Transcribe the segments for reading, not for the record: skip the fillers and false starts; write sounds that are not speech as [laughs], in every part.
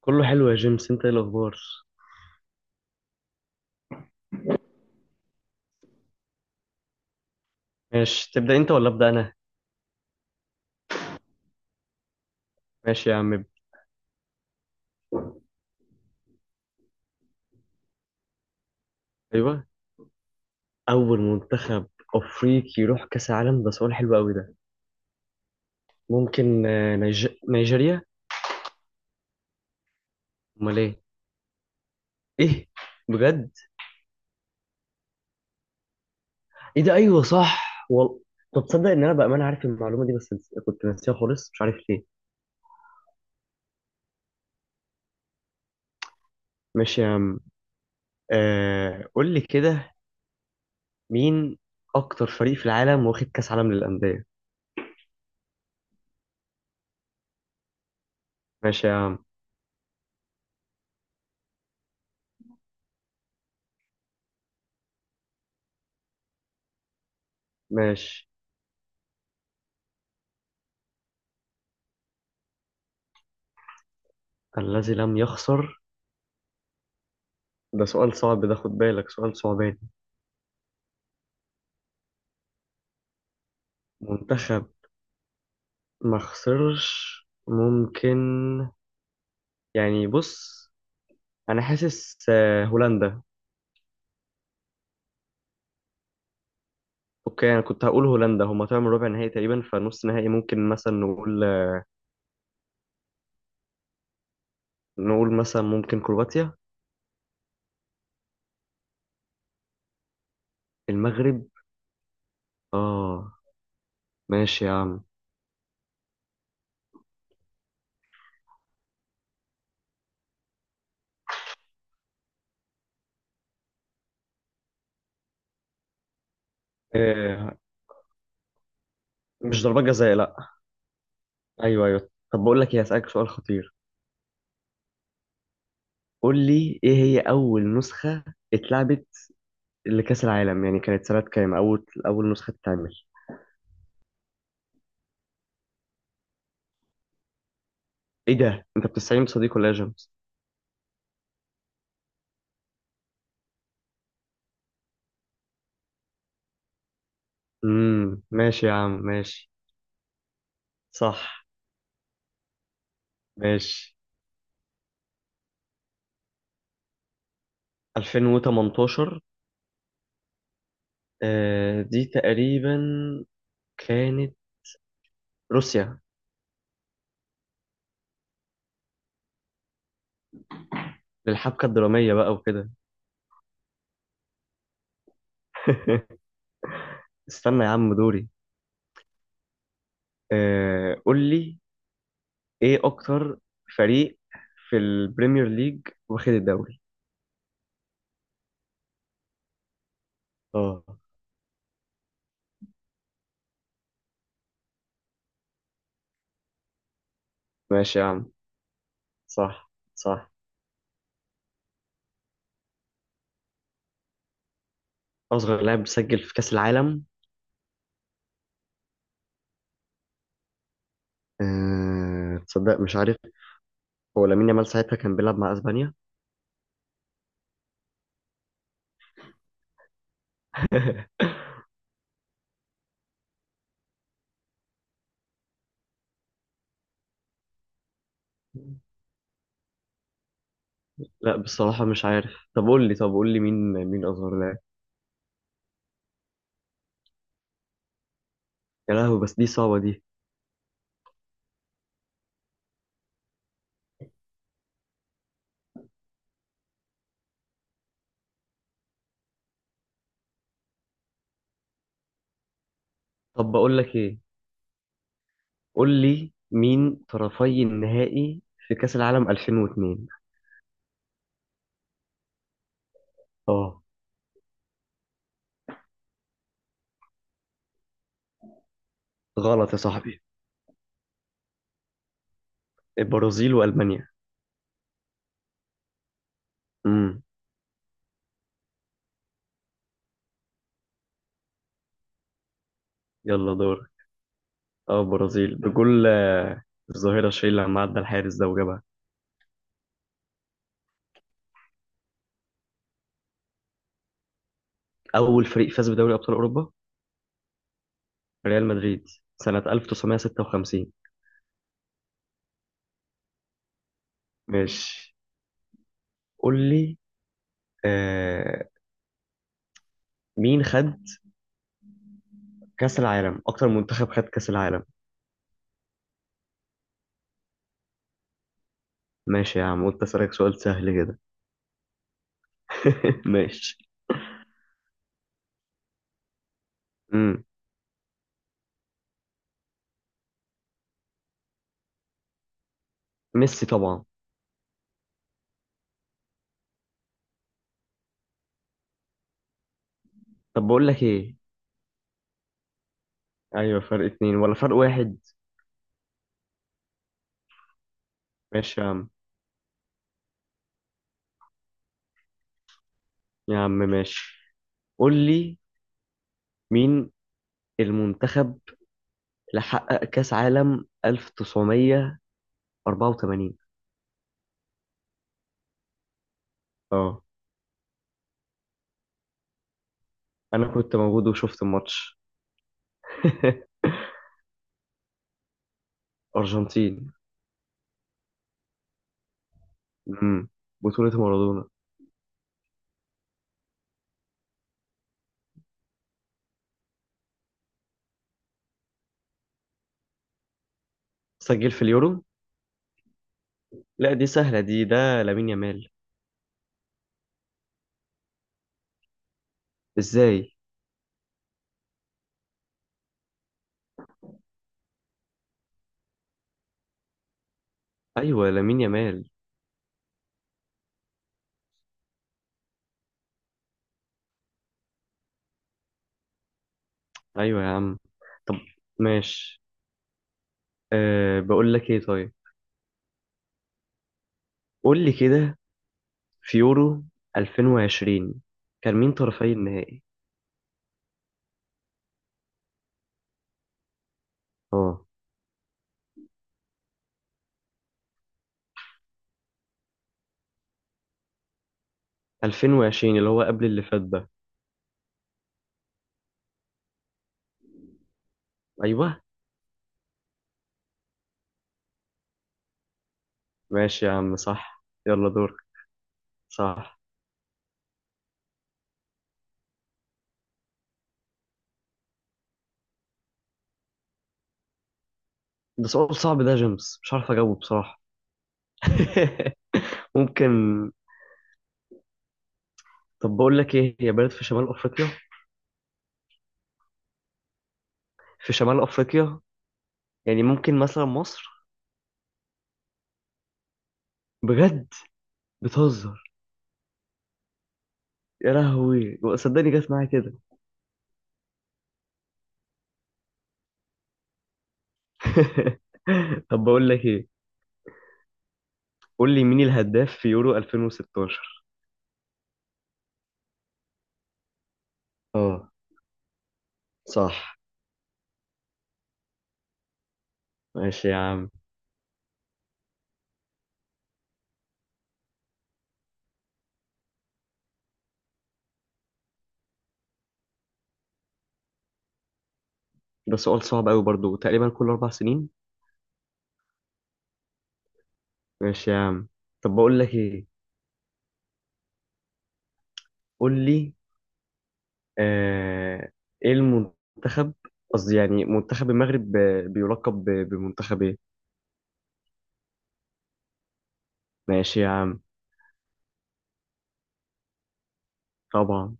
كله حلو يا جيمس. انت ايه الاخبار؟ ماشي، تبدا انت ولا ابدا انا؟ ماشي يا عم. ايوه. اول منتخب افريقي يروح كاس العالم، ده سؤال حلو قوي ده. ممكن نيجيريا. امال ايه؟ ايه، بجد؟ ايه ده، ايوه صح طب تصدق ان انا بامانه عارف المعلومه دي، بس كنت ناسيها خالص، مش عارف ليه. ماشي يا عم. قول لي كده، مين اكتر فريق في العالم واخد كاس عالم للانديه؟ ماشي يا عم. ماشي. الذي لم يخسر. ده سؤال صعب ده، خد بالك سؤال صعب. منتخب ما خسرش، ممكن يعني، بص انا حاسس هولندا. اوكي انا كنت هقول هولندا، هما طلعوا من ربع نهائي تقريبا، فنص نهائي ممكن مثلا نقول، نقول مثلا ممكن كرواتيا. المغرب. اه. ماشي يا عم. آه. مش ضربات جزاء، لا. ايوه، ايوه، طب بقول لك ايه، هسألك سؤال خطير. قول لي، ايه هي اول نسخة اتلعبت لكأس العالم، يعني كانت سنة كام اول نسخة اتعمل؟ ايه ده، انت بتستعين بصديق ولا يا جيمس؟ ماشي يا عم، ماشي. صح. ماشي. 2018. دي تقريبا كانت روسيا. للحبكة الدرامية بقى وكده. [laughs] استنى يا عم، دوري. قول لي، ايه اكتر فريق في البريمير ليج واخد الدوري؟ اه. ماشي يا عم. صح، صح. اصغر لاعب سجل في كأس العالم؟ تصدق مش عارف. هو لامين يامال ساعتها كان بيلعب مع اسبانيا. لا بصراحة مش عارف. طب قول لي مين، مين أظهر لاعب؟ يا لهوي، بس دي صعبة دي. طب بقول لك إيه، قول لي مين طرفي النهائي في كأس العالم 2002؟ اه. غلط يا صاحبي. البرازيل وألمانيا. امم يلا دور. اه، البرازيل بجول الظاهرة شيل لما عدى الحارس ده وجابها. أول فريق فاز بدوري أبطال أوروبا ريال مدريد سنة 1956. ماشي. قول لي آه مين خد كأس العالم، أكتر منتخب خد كأس العالم؟ ماشي يا عم، قلت اسالك سؤال سهل كده. [laughs] ماشي. امم ميسي طبعا. طب بقول لك ايه. ايوه، فرق اتنين ولا فرق واحد؟ ماشي يا عم. يا عم ماشي، قول لي مين المنتخب اللي حقق كاس عالم 1984؟ اه. انا كنت موجود وشفت الماتش. [laughs] ارجنتين. امم بطولة مارادونا. سجل في اليورو؟ لا دي سهلة دي، ده لامين يامال. ازاي؟ ايوه لامين يامال. ايوه يا عم. طب ماشي. بقول لك ايه، طيب قول لي كده، في يورو 2020 كان مين طرفي النهائي؟ اه، 2020 اللي هو قبل اللي فات ده. ايوه. ماشي يا عم، صح، يلا دورك. صح. ده سؤال صعب ده يا جيمس، مش عارف اجاوبه بصراحة. [laughs] ممكن. طب بقول لك ايه، هي بلد في شمال افريقيا، في شمال افريقيا، يعني ممكن مثلا مصر. بجد. بتهزر. يا لهوي صدقني جت معايا كده. [laughs] طب بقول لك ايه، قول لي مين الهداف في يورو 2016؟ اه. صح. ماشي يا عم. ده سؤال صعب قوي برضو، تقريبا كل 4 سنين. ماشي يا عم. طب بقول لك ايه، قول لي آه ايه المنتخب، قصدي يعني منتخب المغرب بيلقب بمنتخب ايه؟ ماشي يا عم. طبعا.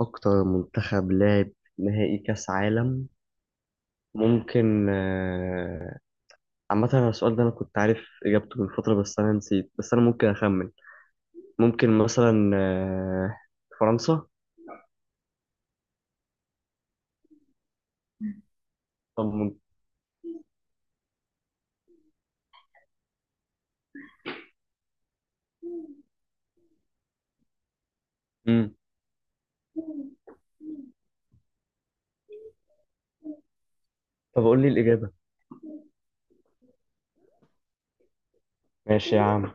اكتر منتخب لعب نهائي كاس عالم؟ ممكن عامة أنا السؤال ده أنا كنت عارف إجابته من فترة، بس أنا نسيت، بس أنا ممكن أخمن. ممكن مثلا فرنسا. طب. مم. طب قول لي الإجابة. ماشي يا عم.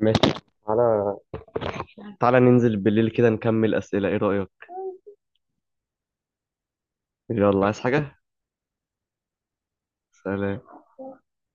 ماشي. تعالى، تعالى ننزل بالليل كده نكمل أسئلة، إيه رأيك؟ يلا، عايز حاجة؟ سلام.